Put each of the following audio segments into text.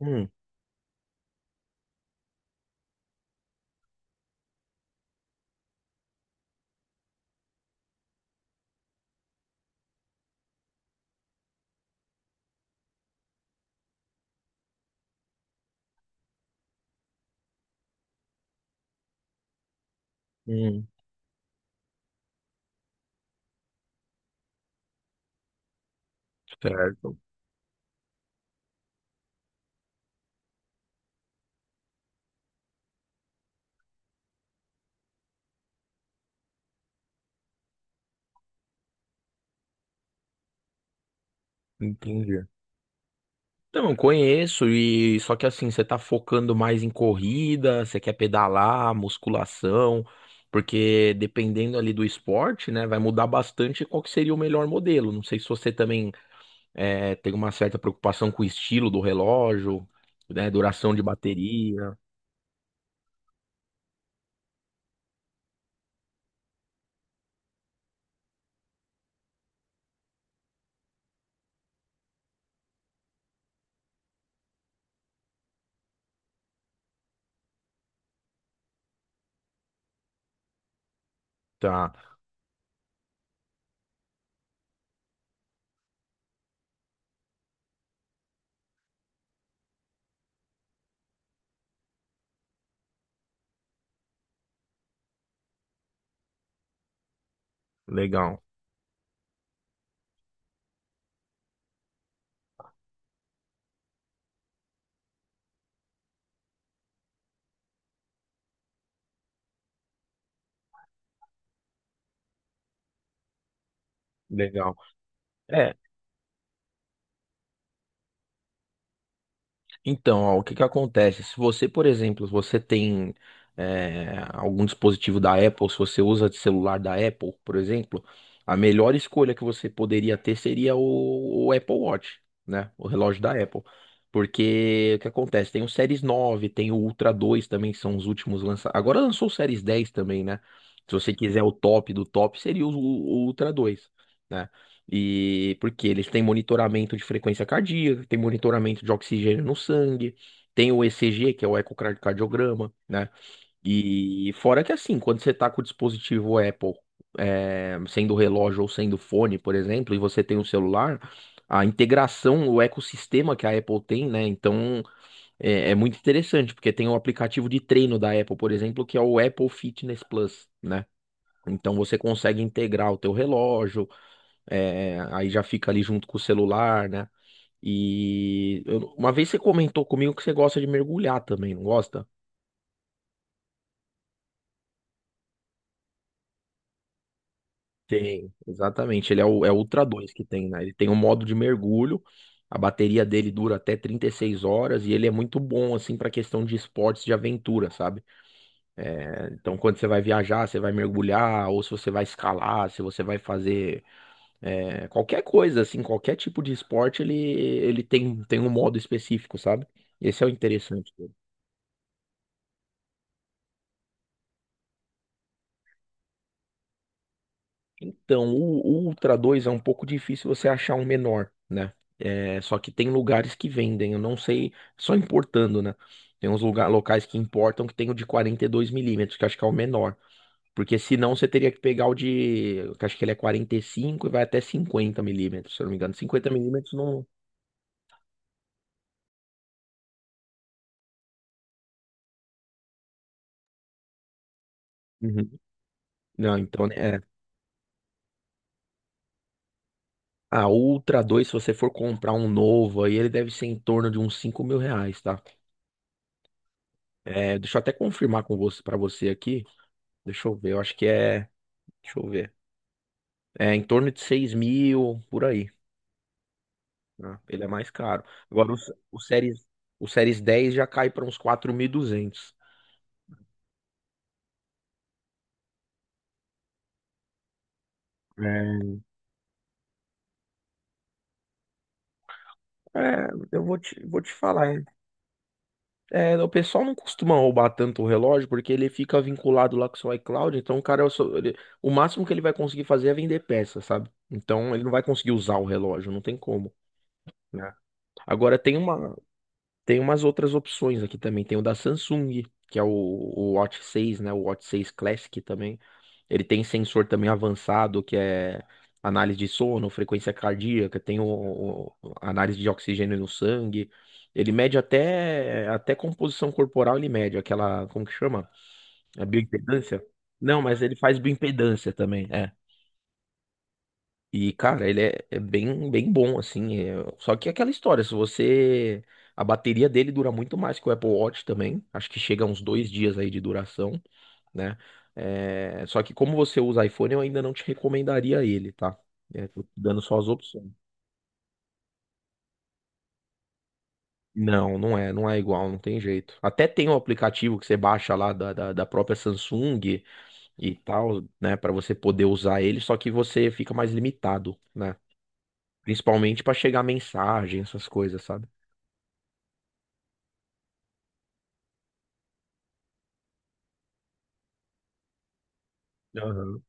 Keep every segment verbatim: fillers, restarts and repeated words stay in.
Hum, hum, certo, entendi. Então, eu conheço e só que assim, você tá focando mais em corrida, você quer pedalar, musculação, porque dependendo ali do esporte, né, vai mudar bastante qual que seria o melhor modelo. Não sei se você também é, tem uma certa preocupação com o estilo do relógio, né, duração de bateria. Tá, legal, legal. É, então, ó, o que que acontece? Se você, por exemplo, se você tem é, algum dispositivo da Apple, se você usa de celular da Apple, por exemplo, a melhor escolha que você poderia ter seria o, o Apple Watch, né? O relógio da Apple. Porque o que acontece? Tem o Series nove, tem o Ultra dois também, que são os últimos lançados. Agora lançou o Series dez também, né? Se você quiser o top do top, seria o, o Ultra dois, né? E porque eles têm monitoramento de frequência cardíaca, tem monitoramento de oxigênio no sangue, tem o E C G, que é o ecocardiograma, né? E fora que assim, quando você tá com o dispositivo Apple, é, sendo relógio ou sendo fone, por exemplo, e você tem o celular, a integração, o ecossistema que a Apple tem, né? Então é, é muito interessante, porque tem o aplicativo de treino da Apple, por exemplo, que é o Apple Fitness Plus, né? Então você consegue integrar o teu relógio, é, aí já fica ali junto com o celular, né? E eu- uma vez você comentou comigo que você gosta de mergulhar também, não gosta? Tem, exatamente. Ele é o, é o Ultra dois que tem, né? Ele tem um modo de mergulho. A bateria dele dura até 36 horas e ele é muito bom, assim, para questão de esportes de aventura, sabe? É, então, quando você vai viajar, você vai mergulhar, ou se você vai escalar, se você vai fazer é, qualquer coisa, assim, qualquer tipo de esporte, ele, ele tem, tem, um modo específico, sabe? Esse é o interessante. Então, o, o Ultra dois é um pouco difícil você achar um menor, né? É, só que tem lugares que vendem, eu não sei, só importando, né? Tem uns lugar, locais que importam que tem o de quarenta e dois milímetros, que eu acho que é o menor. Porque senão você teria que pegar o de, que eu acho que ele é quarenta e cinco e cinco e vai até cinquenta milímetros, se eu não me engano. cinquenta milímetros não. Uhum. Não, então, né, é. A Ultra dois, se você for comprar um novo, aí ele deve ser em torno de uns cinco mil reais, tá? É, deixa eu até confirmar com você, para você aqui. Deixa eu ver, eu acho que é. Deixa eu ver. É em torno de seis mil, por aí. Né? Ele é mais caro. Agora, o, S- o Series, o Series dez já cai para uns quatro mil e duzentos. É, é, eu vou te, vou te falar, hein? É, o pessoal não costuma roubar tanto o relógio porque ele fica vinculado lá com o seu iCloud. Então, o cara, só- ele- o máximo que ele vai conseguir fazer é vender peça, sabe? Então, ele não vai conseguir usar o relógio, não tem como. Né? Agora, tem uma. Tem umas outras opções aqui também. Tem o da Samsung, que é o, o Watch seis, né? O Watch seis Classic também. Ele tem sensor também avançado, que é análise de sono, frequência cardíaca, tem o, o- análise de oxigênio no sangue. Ele mede até, até composição corporal, ele mede aquela, como que chama? A bioimpedância? Não, mas ele faz bioimpedância também. É. E, cara, ele é, é bem, bem bom, assim. é- Só que é aquela história, se você. A bateria dele dura muito mais que o Apple Watch também. Acho que chega a uns dois dias aí de duração, né? É, só que como você usa iPhone, eu ainda não te recomendaria ele, tá? É, tô dando só as opções. Não, não é, não é igual, não tem jeito. Até tem um aplicativo que você baixa lá da, da, da própria Samsung e tal, né, pra você poder usar ele, só que você fica mais limitado, né? Principalmente pra chegar mensagem, essas coisas, sabe? Aham.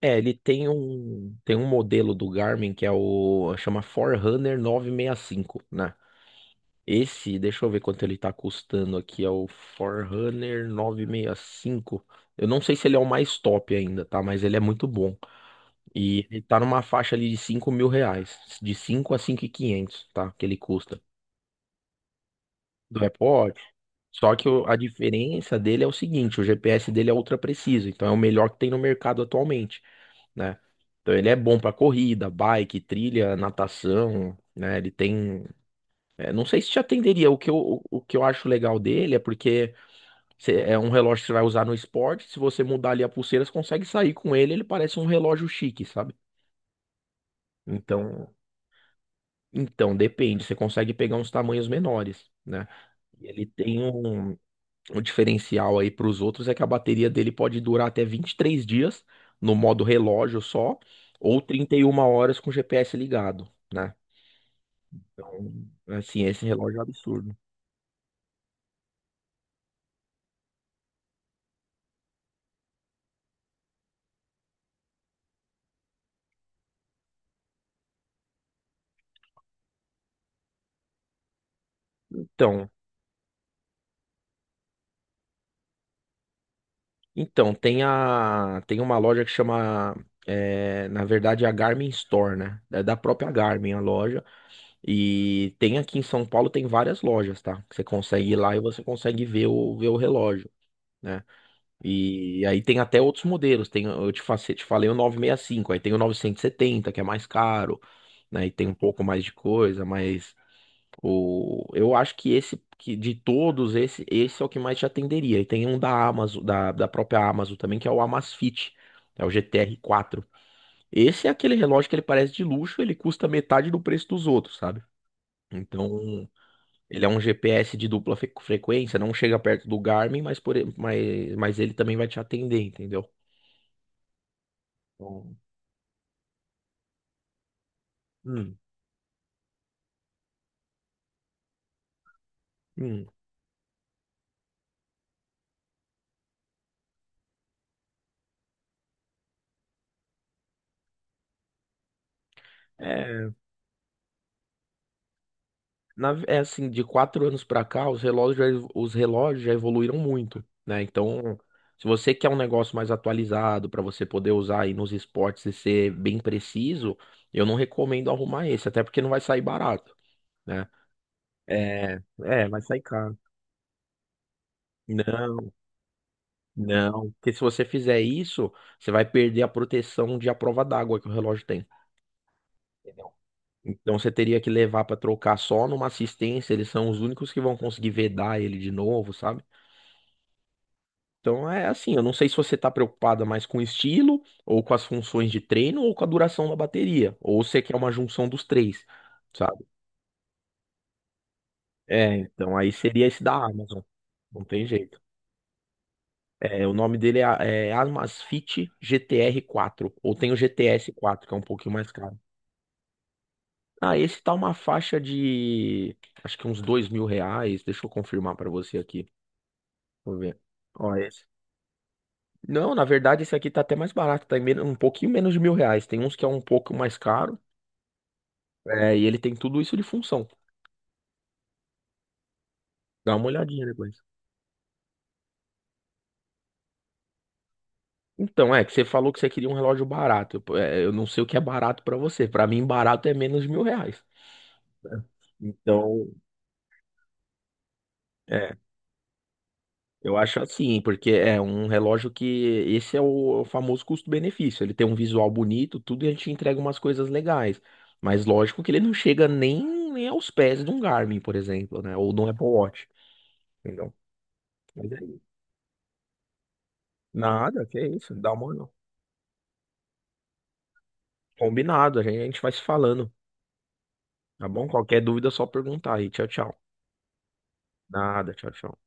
É, ele tem um, tem um modelo do Garmin que é o, chama Forerunner novecentos e sessenta e cinco, né? Esse, deixa eu ver quanto ele tá custando aqui, é o Forerunner novecentos e sessenta e cinco. Eu não sei se ele é o mais top ainda, tá? Mas ele é muito bom. E ele tá numa faixa ali de cinco mil reais, de cinco a cinco mil e quinhentos, tá? Que ele custa. Do Apple Watch. Só que o- a diferença dele é o seguinte, o G P S dele é ultra preciso, então é o melhor que tem no mercado atualmente, né? Então ele é bom pra corrida, bike, trilha, natação, né? Ele tem, é, não sei se te atenderia. O que eu, o, o que eu acho legal dele é porque cê- é um relógio que você vai usar no esporte. Se você mudar ali a pulseira, você consegue sair com ele. Ele parece um relógio chique, sabe? Então, então depende. Você consegue pegar uns tamanhos menores, né? E ele tem um, um diferencial aí para os outros é que a bateria dele pode durar até vinte e três dias no modo relógio só, ou trinta e uma horas com o G P S ligado, né? Então, assim, esse relógio é um absurdo. Então, então tem a tem uma loja que chama é, na verdade é a Garmin Store, né? É da própria Garmin a loja e tem aqui em São Paulo tem várias lojas, tá? Você consegue ir lá e você consegue ver o ver o relógio. Né? E aí tem até outros modelos. Tem, eu te, fa- te falei o novecentos e sessenta e cinco, aí tem o novecentos e setenta, que é mais caro, né? E tem um pouco mais de coisa, mas O, eu acho que esse que de todos, esse, esse é o que mais te atenderia. E tem um da Amazon, da, da própria Amazon também, que é o Amazfit, é o G T R quatro. Esse é aquele relógio que ele parece de luxo, ele custa metade do preço dos outros, sabe? Então, ele é um G P S de dupla fre- frequência, não chega perto do Garmin, mas, por, e- mas, mas ele também vai te atender, entendeu? Então, hum, hum. É, Na- é assim, de quatro anos pra cá, os relógios, já evo- os relógios já evoluíram muito, né? Então, se você quer um negócio mais atualizado pra você poder usar aí nos esportes e ser bem preciso, eu não recomendo arrumar esse, até porque não vai sair barato, né? É, é, vai sair caro. Não, não, porque se você fizer isso, você vai perder a proteção de à prova d'água que o relógio tem, entendeu? Então você teria que levar pra trocar só numa assistência, eles são os únicos que vão conseguir vedar ele de novo, sabe? Então é assim, eu não sei se você está preocupada mais com o estilo, ou com as funções de treino, ou com a duração da bateria, ou você quer uma junção dos três, sabe? É, então aí seria esse da Amazon. Não tem jeito. É, o nome dele é, é Amazfit G T R quatro, ou tem o G T S quatro, que é um pouquinho mais caro. Ah, esse tá uma faixa de, acho que uns dois mil reais, deixa eu confirmar para você aqui, vou ver. Ó, esse. Não, na verdade esse aqui tá até mais barato, tá em menos, um pouquinho menos de mil reais, tem uns que é um pouco mais caro. É, e ele tem tudo isso de função. Dá uma olhadinha depois. Então, é que você falou que você queria um relógio barato. Eu, é, eu não sei o que é barato pra você. Pra mim, barato é menos de mil reais, né? Então, é, eu acho assim, porque é um relógio que esse é o famoso custo-benefício. Ele tem um visual bonito, tudo, e a gente entrega umas coisas legais. Mas lógico que ele não chega nem, nem aos pés de um Garmin, por exemplo, né? Ou de um Apple Watch. Entendeu? Mas é isso. Nada, que é isso. Dá uma. olhada. Combinado, a gente a gente vai se falando. Tá bom? Qualquer dúvida é só perguntar aí. Tchau, tchau. Nada, tchau, tchau.